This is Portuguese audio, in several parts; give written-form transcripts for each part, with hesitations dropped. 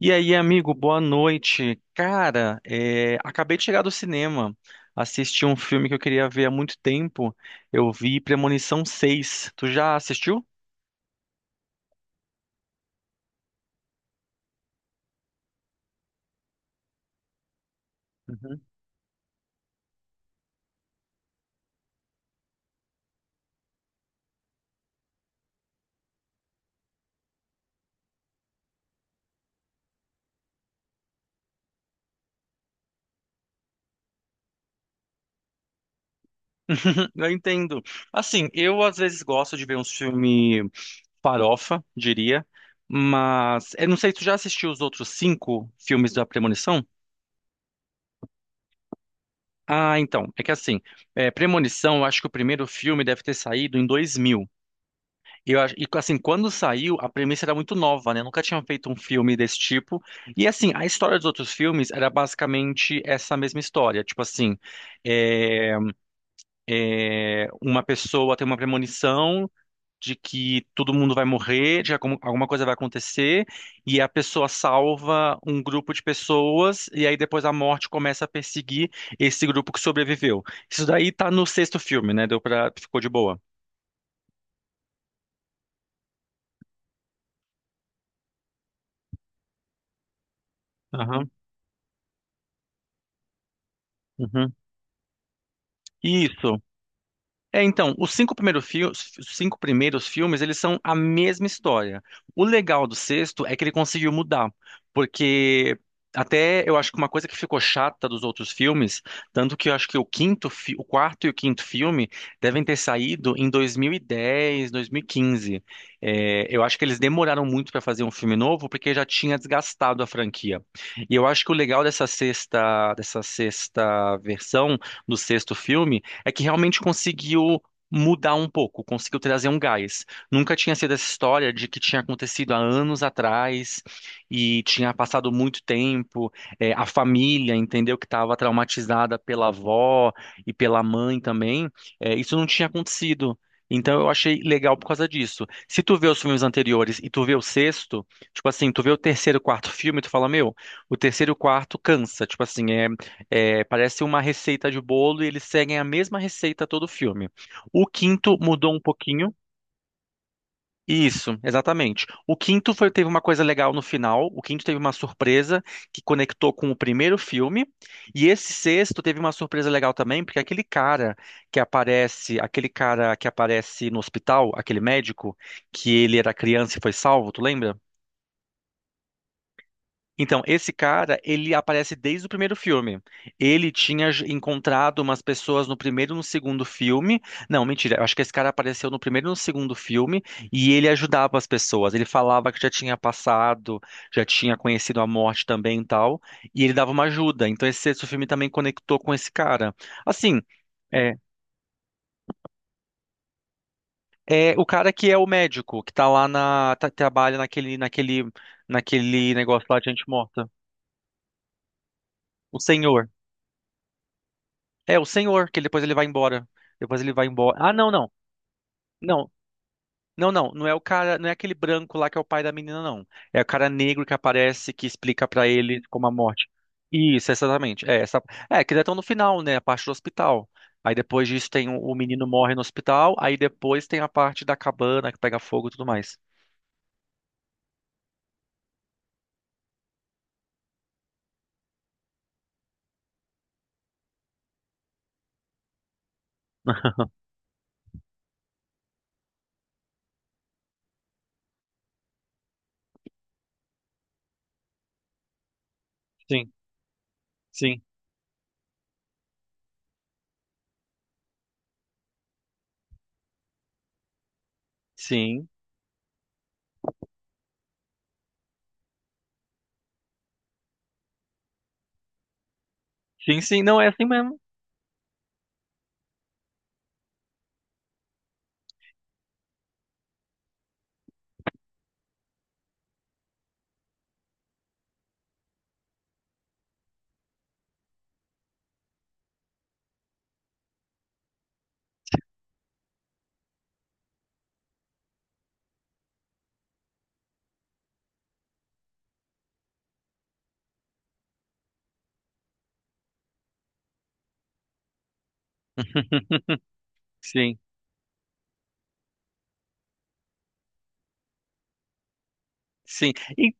E aí, amigo, boa noite. Cara, acabei de chegar do cinema, assisti um filme que eu queria ver há muito tempo. Eu vi Premonição 6. Tu já assistiu? Uhum. Eu entendo. Assim, eu às vezes gosto de ver uns filme farofa, diria, mas eu não sei, tu já assistiu os outros cinco filmes da Premonição? Ah, então, Premonição, eu acho que o primeiro filme deve ter saído em 2000. Eu acho, e assim, quando saiu, a premissa era muito nova, né? Nunca tinham feito um filme desse tipo. E assim, a história dos outros filmes era basicamente essa mesma história. É, uma pessoa tem uma premonição de que todo mundo vai morrer, de alguma coisa vai acontecer, e a pessoa salva um grupo de pessoas, e aí depois a morte começa a perseguir esse grupo que sobreviveu. Isso daí tá no sexto filme, né? Deu pra, ficou de boa. Aham. Uhum. Isso. É, então, os cinco primeiros filmes, eles são a mesma história. O legal do sexto é que ele conseguiu mudar, porque até eu acho que uma coisa que ficou chata dos outros filmes, tanto que eu acho que o o quarto e o quinto filme devem ter saído em 2010, 2015. É, eu acho que eles demoraram muito para fazer um filme novo porque já tinha desgastado a franquia. E eu acho que o legal dessa sexta versão do sexto filme é que realmente conseguiu mudar um pouco, conseguiu trazer um gás. Nunca tinha sido essa história de que tinha acontecido há anos atrás e tinha passado muito tempo. É, a família entendeu que estava traumatizada pela avó e pela mãe também. É, isso não tinha acontecido. Então eu achei legal por causa disso. Se tu vê os filmes anteriores e tu vê o sexto, tipo assim, tu vê o terceiro, quarto filme, tu fala, meu, o terceiro e o quarto cansa, parece uma receita de bolo e eles seguem a mesma receita todo o filme. O quinto mudou um pouquinho. Isso, exatamente. O teve uma coisa legal no final. O quinto teve uma surpresa que conectou com o primeiro filme. E esse sexto teve uma surpresa legal também, porque aquele cara que aparece, aquele cara que aparece no hospital, aquele médico, que ele era criança e foi salvo, tu lembra? Então, esse cara, ele aparece desde o primeiro filme. Ele tinha encontrado umas pessoas no primeiro e no segundo filme. Não, mentira, eu acho que esse cara apareceu no primeiro e no segundo filme e ele ajudava as pessoas. Ele falava que já tinha passado, já tinha conhecido a morte também e tal, e ele dava uma ajuda. Então, esse sexto filme também conectou com esse cara. Assim, é, é o cara que é o médico, que tá trabalha naquele negócio lá de gente morta. O senhor. É o senhor, que depois ele vai embora. Depois ele vai embora. Ah, não, não. Não. Não, não, não é o cara, não é aquele branco lá que é o pai da menina, não. É o cara negro que aparece, que explica pra ele como a morte. Isso, exatamente. É, essa... é que já estão no final, né? A parte do hospital. Aí depois disso tem o menino morre no hospital, aí depois tem a parte da cabana que pega fogo e tudo mais. Sim, sim, sim. Sim, sim, não é assim mesmo. Sim, sim. E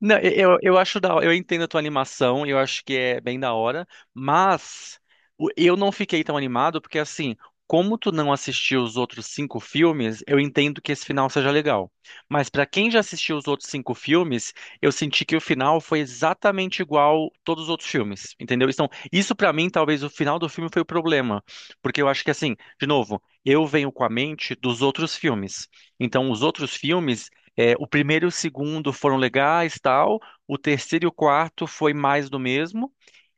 não, eu acho da, eu entendo a tua animação, eu acho que é bem da hora, mas eu não fiquei tão animado porque assim, como tu não assistiu os outros cinco filmes, eu entendo que esse final seja legal. Mas pra quem já assistiu os outros cinco filmes, eu senti que o final foi exatamente igual todos os outros filmes, entendeu? Então, isso pra mim, talvez o final do filme foi o problema, porque eu acho que assim, de novo, eu venho com a mente dos outros filmes. Então, os outros filmes é, o primeiro e o segundo foram legais, tal. O terceiro e o quarto foi mais do mesmo.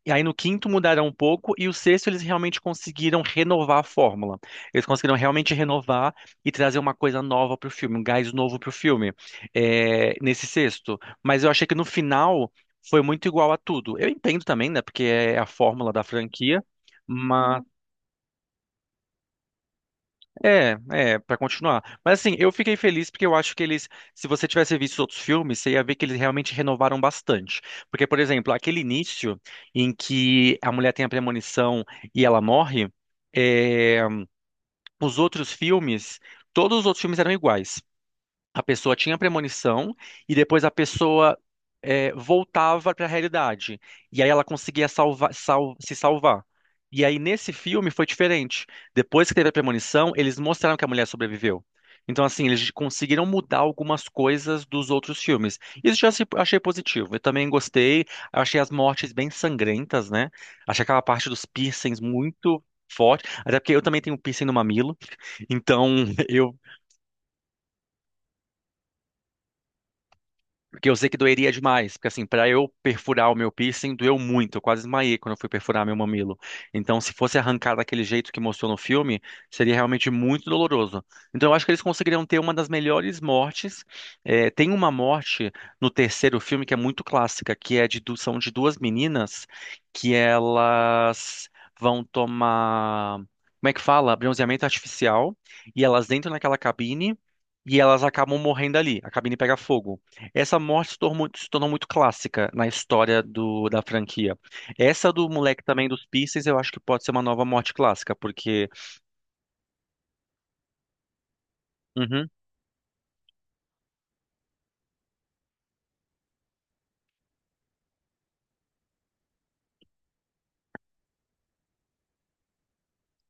E aí no quinto mudaram um pouco e o sexto eles realmente conseguiram renovar a fórmula. Eles conseguiram realmente renovar e trazer uma coisa nova pro filme, um gás novo pro filme, nesse sexto. Mas eu achei que no final foi muito igual a tudo. Eu entendo também, né? Porque é a fórmula da franquia, mas é, é, pra continuar. Mas assim, eu fiquei feliz porque eu acho que eles, se você tivesse visto os outros filmes, você ia ver que eles realmente renovaram bastante. Porque, por exemplo, aquele início em que a mulher tem a premonição e ela morre, é, os outros filmes, todos os outros filmes eram iguais. A pessoa tinha premonição e depois a pessoa voltava para a realidade. E aí ela conseguia se salvar. E aí nesse filme foi diferente. Depois que teve a premonição, eles mostraram que a mulher sobreviveu. Então, assim, eles conseguiram mudar algumas coisas dos outros filmes. Isso eu já se- achei positivo. Eu também gostei. Achei as mortes bem sangrentas, né? Achei aquela parte dos piercings muito forte. Até porque eu também tenho um piercing no mamilo. Então, eu porque eu sei que doeria demais, porque assim, para eu perfurar o meu piercing, doeu muito, eu quase esmaiei quando eu fui perfurar meu mamilo. Então, se fosse arrancar daquele jeito que mostrou no filme, seria realmente muito doloroso. Então, eu acho que eles conseguiriam ter uma das melhores mortes. É, tem uma morte no terceiro filme que é muito clássica, que é são de duas meninas que elas vão tomar, como é que fala? Bronzeamento artificial, e elas entram naquela cabine e elas acabam morrendo ali. A cabine pega fogo. Essa morte se tornou muito clássica na história do, da franquia. Essa do moleque também dos Pistons, eu acho que pode ser uma nova morte clássica, porque uhum,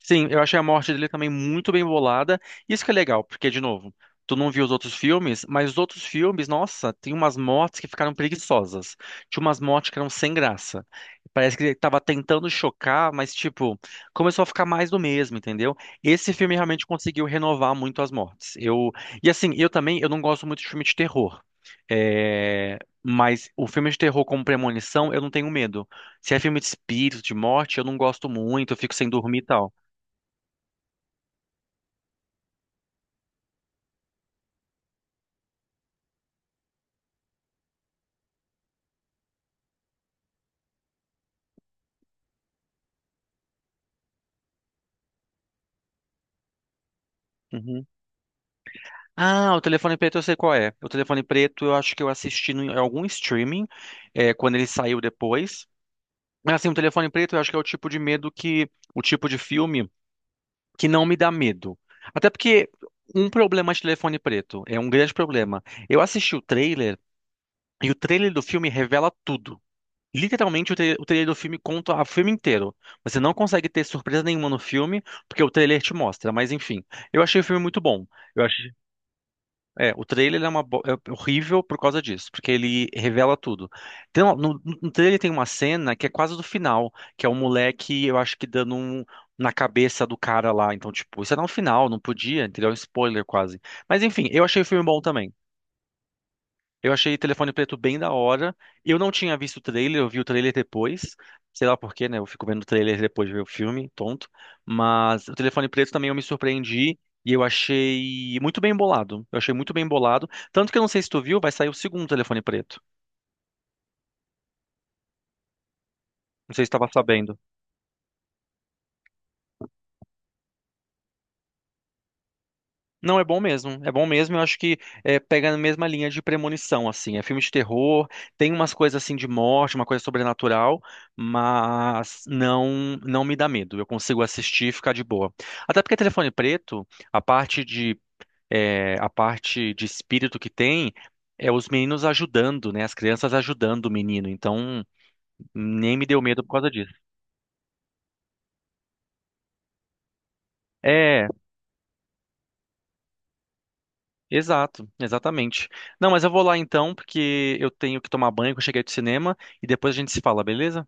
sim, eu achei a morte dele também muito bem bolada. Isso que é legal, porque, de novo, tu não viu os outros filmes, mas os outros filmes, nossa, tem umas mortes que ficaram preguiçosas. Tinha umas mortes que eram sem graça. Parece que ele tava tentando chocar, mas, tipo, começou a ficar mais do mesmo, entendeu? Esse filme realmente conseguiu renovar muito as mortes. Eu... e assim, eu também, eu não gosto muito de filme de terror. É, mas o filme de terror como premonição, eu não tenho medo. Se é filme de espírito, de morte, eu não gosto muito, eu fico sem dormir e tal. Uhum. Ah, o telefone preto eu sei qual é. O telefone preto eu acho que eu assisti em algum streaming, quando ele saiu depois. Mas assim, o telefone preto eu acho que é o tipo de medo que, o tipo de filme que não me dá medo. Até porque um problema de telefone preto é um grande problema. Eu assisti o trailer e o trailer do filme revela tudo. Literalmente, o o trailer do filme conta o filme inteiro. Você não consegue ter surpresa nenhuma no filme, porque o trailer te mostra. Mas enfim, eu achei o filme muito bom. Eu achei, o trailer é, é horrível por causa disso, porque ele revela tudo. Então no trailer tem uma cena que é quase do final, que é um moleque, eu acho que dando um na cabeça do cara lá. Então, tipo, isso era um final, não podia, entendeu? É um spoiler quase. Mas enfim, eu achei o filme bom também. Eu achei Telefone Preto bem da hora. Eu não tinha visto o trailer, eu vi o trailer depois. Sei lá por quê, né? Eu fico vendo o trailer depois de ver o filme, tonto. Mas o Telefone Preto também eu me surpreendi e eu achei muito bem bolado. Eu achei muito bem bolado. Tanto que eu não sei se tu viu, vai sair o segundo Telefone Preto. Não sei se tu tava sabendo. Não, é bom mesmo. É bom mesmo. Eu acho que pega na mesma linha de premonição, assim. É filme de terror, tem umas coisas assim de morte, uma coisa sobrenatural, mas não me dá medo. Eu consigo assistir e ficar de boa. Até porque Telefone Preto, a parte de a parte de espírito que tem é os meninos ajudando, né? As crianças ajudando o menino. Então nem me deu medo por causa disso. É, exato, exatamente. Não, mas eu vou lá então, porque eu tenho que tomar banho que eu cheguei do cinema e depois a gente se fala, beleza?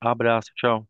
Abraço, tchau.